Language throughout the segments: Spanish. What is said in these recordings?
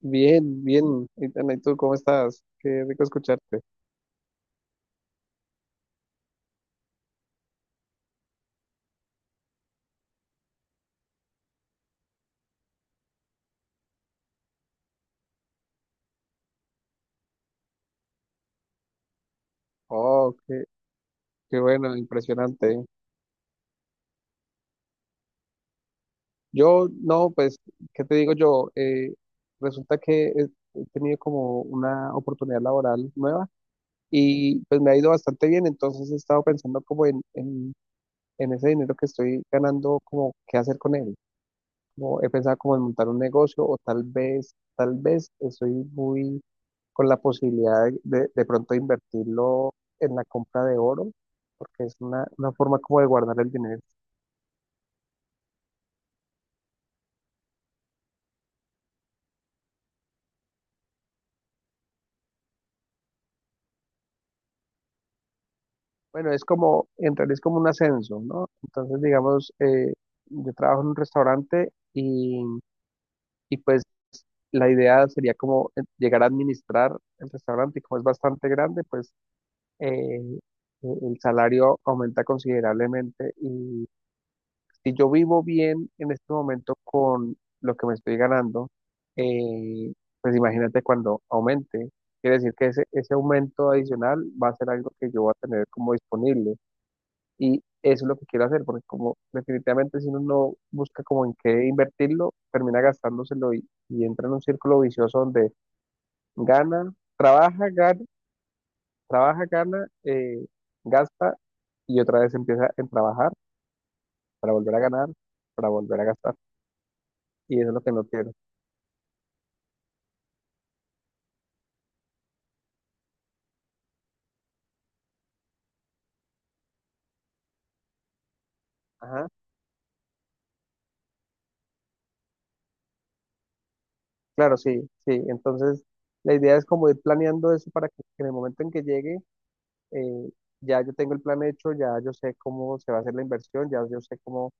Bien, bien. Itana, ¿y tú cómo estás? Qué rico escucharte. Oh, qué, qué bueno, impresionante. Yo, no, pues, ¿qué te digo yo? Resulta que he tenido como una oportunidad laboral nueva y pues me ha ido bastante bien, entonces he estado pensando como en ese dinero que estoy ganando, como qué hacer con él. Como he pensado como en montar un negocio o tal vez estoy muy con la posibilidad de pronto invertirlo en la compra de oro, porque es una forma como de guardar el dinero. Bueno, es como, en realidad es como un ascenso, ¿no? Entonces, digamos, yo trabajo en un restaurante y pues la idea sería como llegar a administrar el restaurante y como es bastante grande, pues eh, el salario aumenta considerablemente y si yo vivo bien en este momento con lo que me estoy ganando, eh, pues imagínate cuando aumente. Quiere decir que ese aumento adicional va a ser algo que yo voy a tener como disponible. Y eso es lo que quiero hacer, porque como definitivamente si uno no busca como en qué invertirlo, termina gastándoselo y entra en un círculo vicioso donde gana, trabaja, gana, trabaja, gana, gasta y otra vez empieza en trabajar para volver a ganar, para volver a gastar. Y eso es lo que no quiero. Ajá, claro, sí, sí. Entonces, la idea es como ir planeando eso para que en el momento en que llegue, eh, ya yo tengo el plan hecho, ya yo sé cómo se va a hacer la inversión, ya yo sé cómo,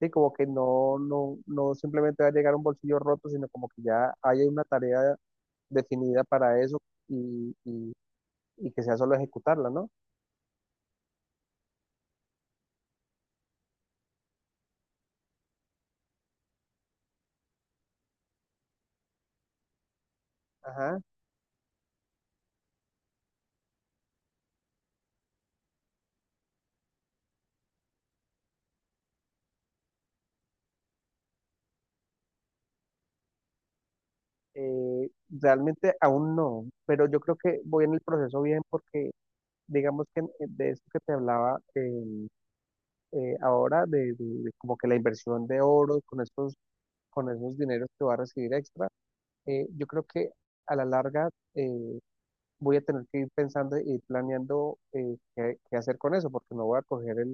sí, como que no, no, no simplemente va a llegar un bolsillo roto, sino como que ya hay una tarea definida para eso y, y, y que sea solo ejecutarla, ¿no? Ajá. Realmente aún no, pero yo creo que voy en el proceso bien porque, digamos que de esto que te hablaba, ahora de como que la inversión de oro con estos, con esos dineros que va a recibir extra, yo creo que a la larga eh, voy a tener que ir pensando y ir planeando qué, qué hacer con eso, porque no voy a coger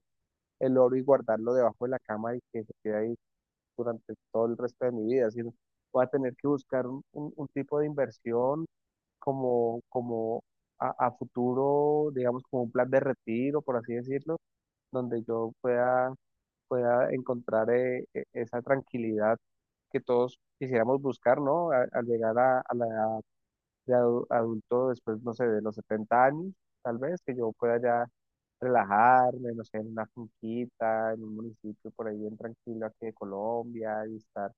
el oro y guardarlo debajo de la cama y que se quede ahí durante todo el resto de mi vida, sino voy a tener que buscar un, un tipo de inversión como, como a futuro, digamos, como un plan de retiro, por así decirlo donde yo pueda pueda encontrar esa tranquilidad que todos quisiéramos buscar, ¿no? Al llegar a la edad de adulto, después, no sé, de los 70 años, tal vez, que yo pueda ya relajarme, no sé, en una finquita, en un municipio por ahí bien tranquilo aquí de Colombia y estar,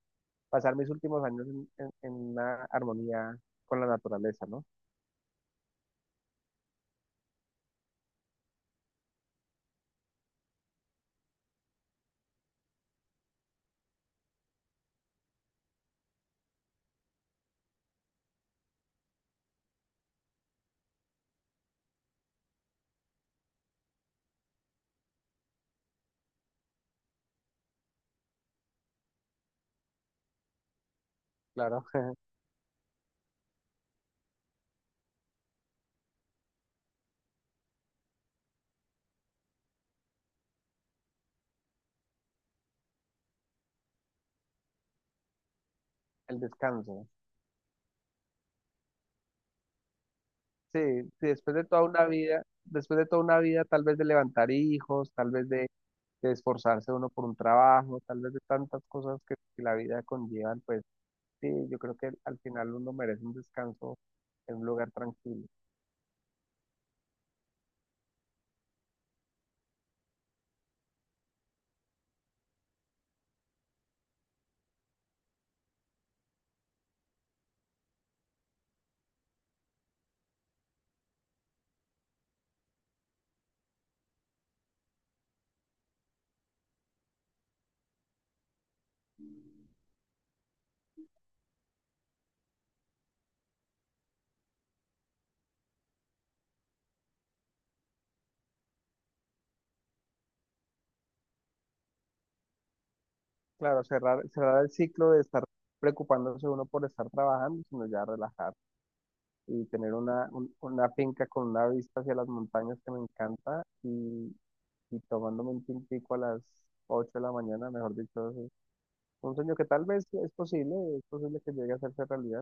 pasar mis últimos años en, en una armonía con la naturaleza, ¿no? Claro, el descanso. Sí, sí, después de toda una vida, después de toda una vida, tal vez de levantar hijos, tal vez de esforzarse uno por un trabajo, tal vez de tantas cosas que la vida conllevan, pues sí, yo creo que al final uno merece un descanso en un lugar tranquilo. Claro, cerrar, cerrar el ciclo de estar preocupándose uno por estar trabajando, sino ya relajar y tener una, una finca con una vista hacia las montañas que me encanta y tomándome un tintico a las 8 de la mañana, mejor dicho, es un sueño que tal vez es posible que llegue a hacerse realidad.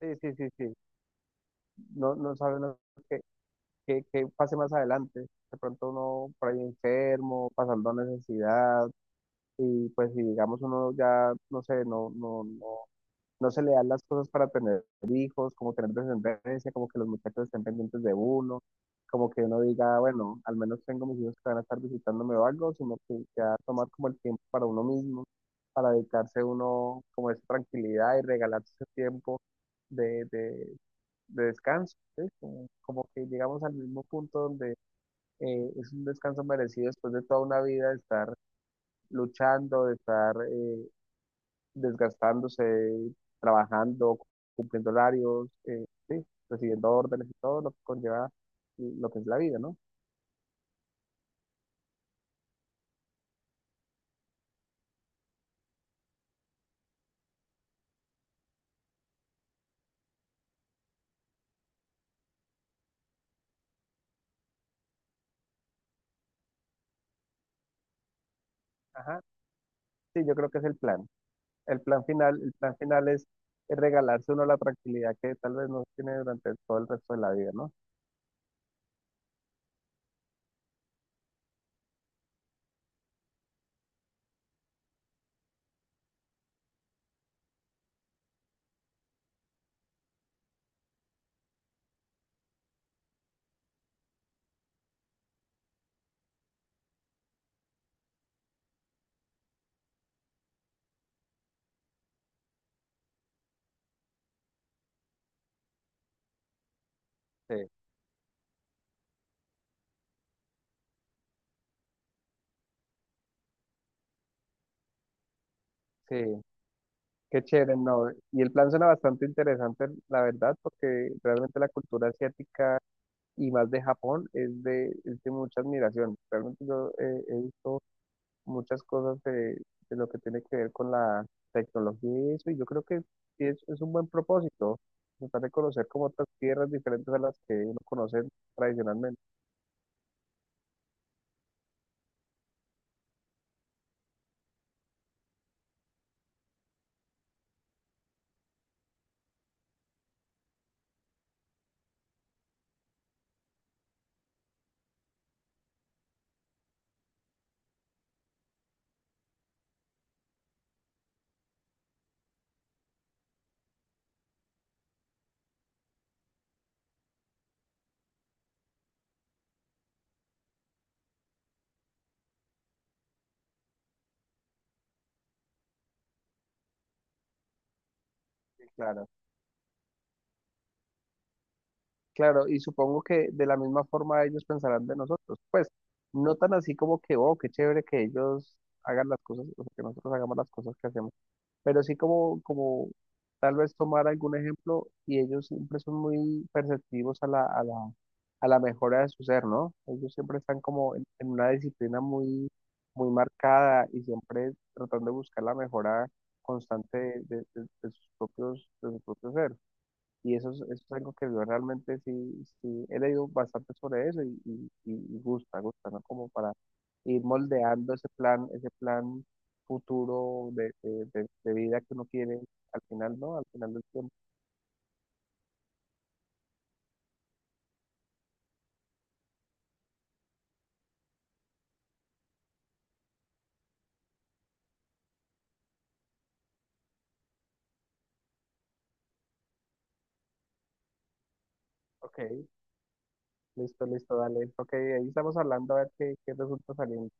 Sí, sí, sí, sí. No, no saben que pase más adelante. De pronto uno por ahí enfermo, pasando necesidad, y pues si digamos uno ya, no sé, no, no, no, no se le dan las cosas para tener hijos, como tener descendencia, como que los muchachos estén pendientes de uno, como que uno diga, bueno, al menos tengo mis hijos que van a estar visitándome o algo, sino que ya tomar como el tiempo para uno mismo, para dedicarse uno como a esa tranquilidad y regalarse ese tiempo de, de, de descanso, ¿sí? Como, como que llegamos al mismo punto donde es un descanso merecido después de toda una vida de estar luchando, de estar desgastándose, trabajando, cumpliendo horarios, sí, recibiendo órdenes y todo lo que conlleva lo que es la vida, ¿no? Ajá. Sí, yo creo que es el plan. El plan final es regalarse uno la tranquilidad que tal vez no tiene durante todo el resto de la vida, ¿no? Sí, sí, qué chévere, ¿no? Y el plan suena bastante interesante, la verdad, porque realmente la cultura asiática y más de Japón es de mucha admiración. Realmente yo he visto muchas cosas de lo que tiene que ver con la tecnología y eso, y yo creo que sí es un buen propósito, tratar de conocer como otras tierras diferentes a las que uno conoce tradicionalmente. Sí, claro, claro, y supongo que de la misma forma ellos pensarán de nosotros, pues no tan así como que, oh, qué chévere que ellos hagan las cosas, o sea, que nosotros hagamos las cosas que hacemos pero sí como, como tal vez tomar algún ejemplo y ellos siempre son muy perceptivos a la, a la, a la mejora de su ser, ¿no? Ellos siempre están como en una disciplina muy, muy marcada y siempre tratando de buscar la mejora constante de sus propios, de su propio ser. Y eso es algo que yo realmente sí, sí he leído bastante sobre eso y gusta, gusta, ¿no? Como para ir moldeando ese plan futuro de vida que uno quiere al final, ¿no? Al final del tiempo. Ok, listo, listo, dale. Ok, ahí estamos hablando a ver qué, qué resulta saliendo.